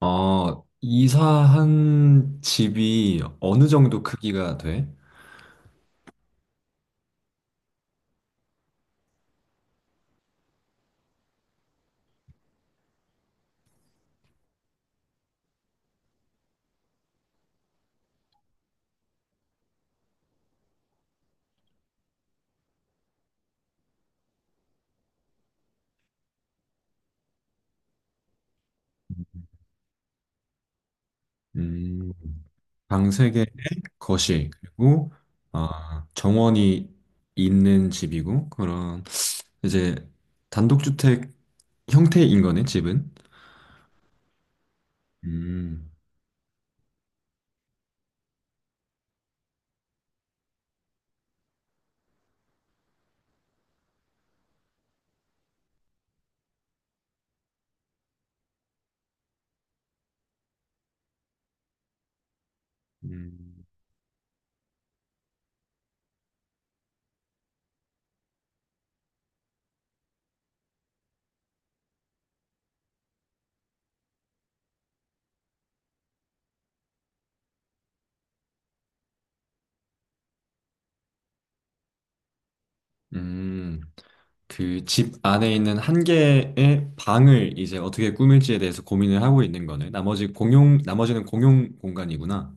이사한 집이 어느 정도 크기가 돼? 음, 방 3개에 거실, 그리고 정원이 있는 집이고, 이제 단독주택 형태인 거네, 집은? 음, 음, 음, 그 집 안에 있는 한 개의 방을 이제 어떻게 꾸밀지에 대해서 고민을 하고 있는 거네. 나머지는 공용 공간이구나.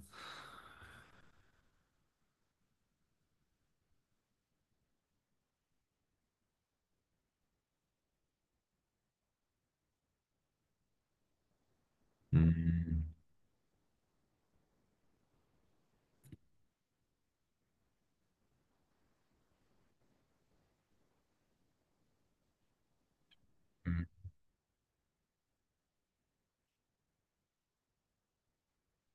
음, 음.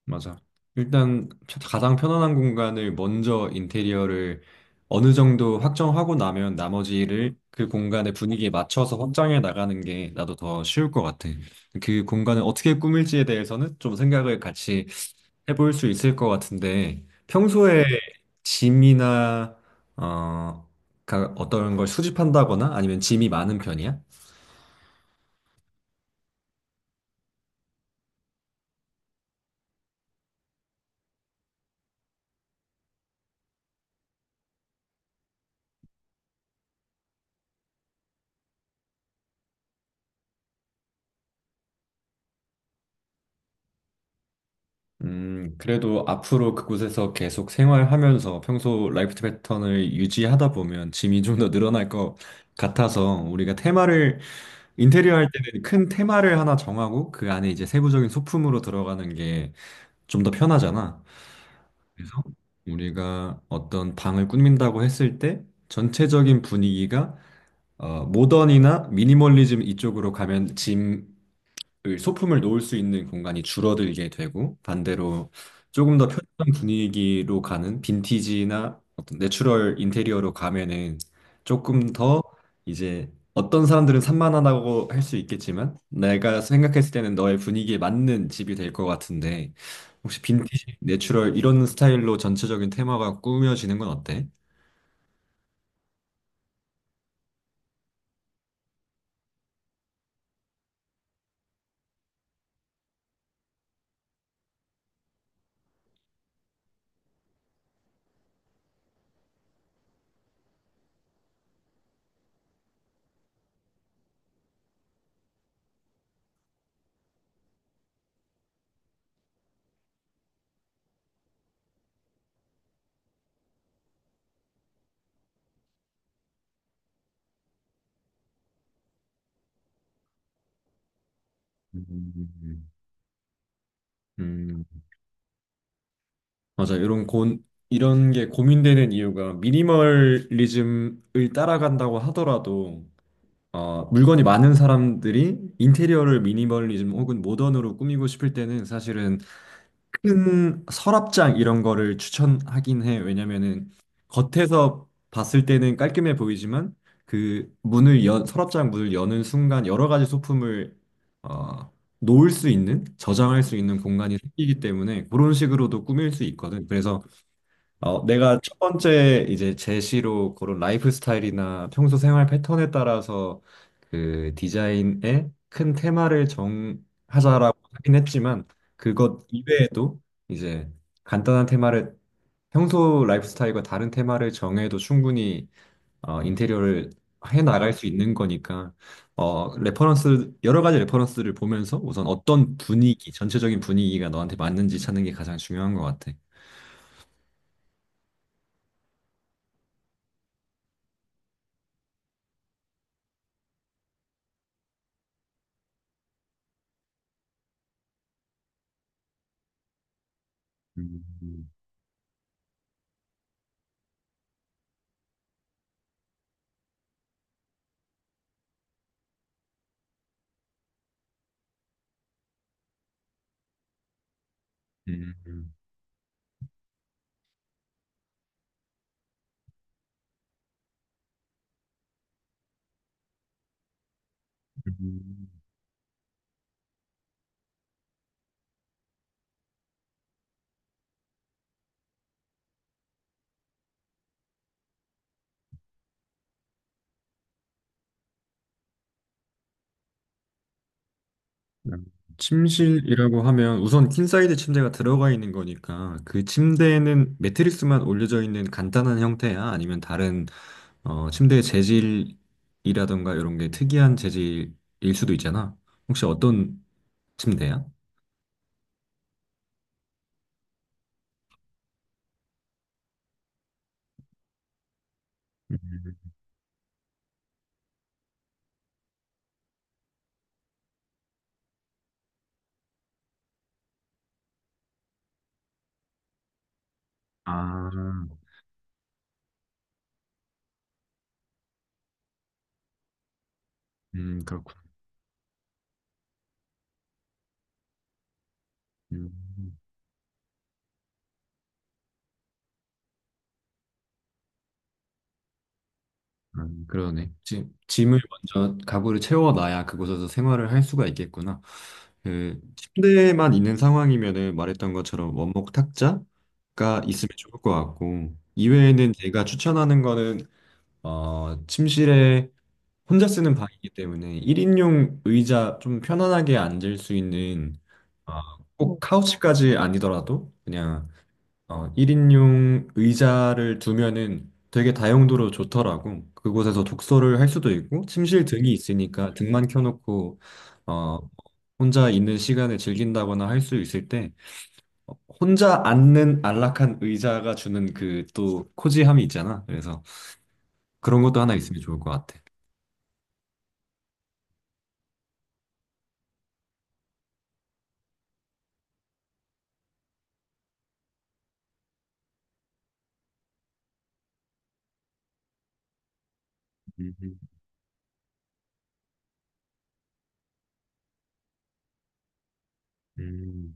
맞아. 일단 가장 편안한 공간을 먼저 인테리어를 어느 정도 확정하고 나면 나머지를 그 공간의 분위기에 맞춰서 확장해 나가는 게 나도 더 쉬울 것 같아. 그 공간을 어떻게 꾸밀지에 대해서는 좀 생각을 같이 해볼 수 있을 것 같은데 평소에 짐이나 어, 어떤 걸 수집한다거나 아니면 짐이 많은 편이야? 그래도 앞으로 그곳에서 계속 생활하면서 평소 라이프 패턴을 유지하다 보면 짐이 좀 더 늘어날 것 같아서 우리가 테마를 인테리어 할 때는 큰 테마를 하나 정하고 그 안에 이제 세부적인 소품으로 들어가는 게 좀 더 편하잖아. 그래서 우리가 어떤 방을 꾸민다고 했을 때 전체적인 분위기가 모던이나 미니멀리즘 이쪽으로 가면 짐 그 소품을 놓을 수 있는 공간이 줄어들게 되고, 반대로 조금 더 편안한 분위기로 가는 빈티지나 어떤 내추럴 인테리어로 가면은 조금 더 이제 어떤 사람들은 산만하다고 할 수 있겠지만 내가 생각했을 때는 너의 분위기에 맞는 집이 될 것 같은데, 혹시 빈티지, 내추럴 이런 스타일로 전체적인 테마가 꾸며지는 건 어때? 음. 음. 맞아. 이런 게 고민되는 이유가, 미니멀리즘을 따라간다고 하더라도 물건이 많은 사람들이 인테리어를 미니멀리즘 혹은 모던으로 꾸미고 싶을 때는 사실은 큰 서랍장 이런 거를 추천하긴 해. 왜냐면은 겉에서 봤을 때는 깔끔해 보이지만 서랍장 문을 여는 순간 여러 가지 소품을 어, 놓을 수 있는, 저장할 수 있는 공간이 생기기 때문에 그런 식으로도 꾸밀 수 있거든. 그래서 내가 첫 번째 이제 제시로 고른 라이프 스타일이나 평소 생활 패턴에 따라서 그 디자인의 큰 테마를 정하자라고 하긴 했지만 그것 이외에도 이제 간단한 테마를, 평소 라이프 스타일과 다른 테마를 정해도 충분히 인테리어를 해 나갈 수 있는 거니까, 레퍼런스 여러 가지 레퍼런스를 보면서 우선 어떤 분위기 전체적인 분위기가 너한테 맞는지 찾는 게 가장 중요한 것 같아. 음, 음, 음. 음, 음. 침실이라고 하면 우선 퀸사이드 침대가 들어가 있는 거니까, 그 침대에는 매트리스만 올려져 있는 간단한 형태야? 아니면 다른 침대의 재질이라던가 이런 게 특이한 재질일 수도 있잖아. 혹시 어떤 침대야? 음. 아, 그렇군. 음. 그러네. 짐을 먼저, 가구를 채워놔야 그곳에서 생활을 할 수가 있겠구나. 그 침대만 있는 상황이면은 말했던 것처럼 원목 탁자가 있으면 좋을 것 같고, 이외에는 제가 추천하는 거는 침실에 혼자 쓰는 방이기 때문에 1인용 의자, 좀 편안하게 앉을 수 있는, 어, 꼭 카우치까지 아니더라도 그냥 1인용 의자를 두면은 되게 다용도로 좋더라고. 그곳에서 독서를 할 수도 있고, 침실 등이 있으니까 등만 켜놓고, 어, 혼자 있는 시간을 즐긴다거나 할 수 있을 때, 혼자 앉는 안락한 의자가 주는 그 또 코지함이 있잖아. 그래서 그런 것도 하나 있으면 좋을 것 같아. 음, 음,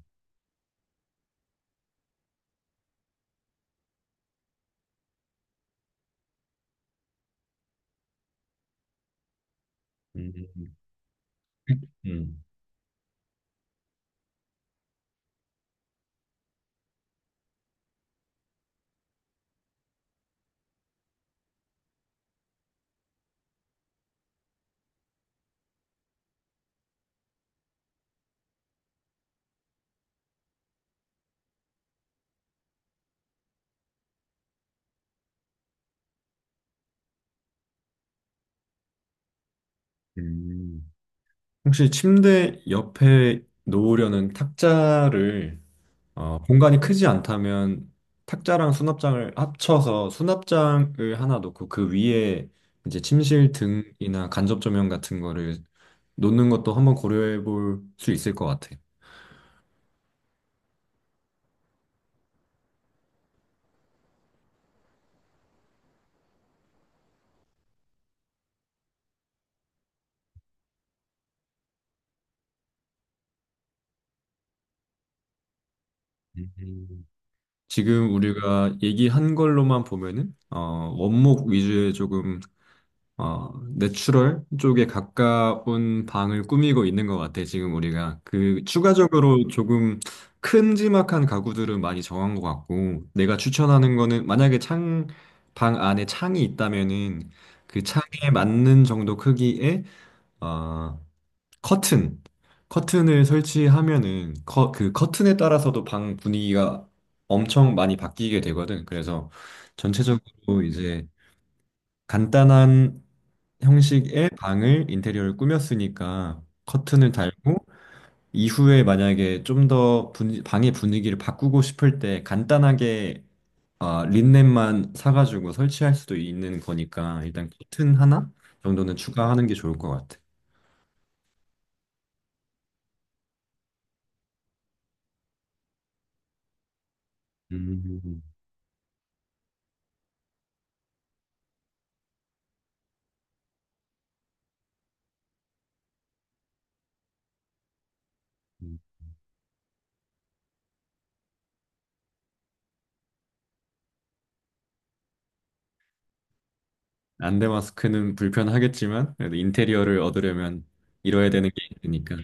음, 음, 음. 혹시 침대 옆에 놓으려는 탁자를 공간이 크지 않다면 탁자랑 수납장을 합쳐서 수납장을 하나 놓고, 그 위에 이제 침실 등이나 간접 조명 같은 거를 놓는 것도 한번 고려해 볼 수 있을 것 같아. 음. 지금 우리가 얘기한 걸로만 보면은 원목 위주의 조금 어, 내추럴 쪽에 가까운 방을 꾸미고 있는 것 같아, 지금 우리가. 추가적으로 조금 큼지막한 가구들은 많이 정한 것 같고, 내가 추천하는 거는, 만약에 방 안에 창이 있다면은, 그 창에 맞는 정도 크기의 어, 커튼. 커튼을 설치하면은, 그 커튼에 따라서도 방 분위기가 엄청 많이 바뀌게 되거든. 그래서 전체적으로 이제 간단한 형식의 방을 인테리어를 꾸몄으니까 커튼을 달고 이후에 만약에 좀 더 방의 분위기를 바꾸고 싶을 때 간단하게 아, 린넨만 사가지고 설치할 수도 있는 거니까 일단 커튼 하나 정도는 추가하는 게 좋을 것 같아. 음, 음. 안대 마스크는 불편하겠지만 그래도 인테리어를 얻으려면 이뤄야 되는 게 있으니까.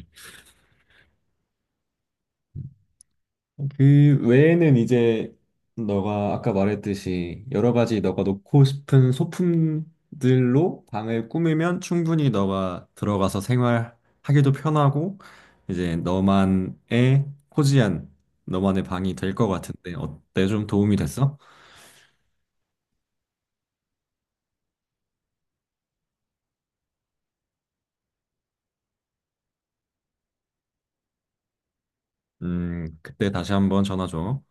그 외에는 이제 너가 아까 말했듯이 여러 가지 너가 놓고 싶은 소품들로 방을 꾸미면 충분히 너가 들어가서 생활하기도 편하고 이제 너만의 코지한 너만의 방이 될 것 같은데 어때? 좀 도움이 됐어? 그때 다시 한번 전화 줘.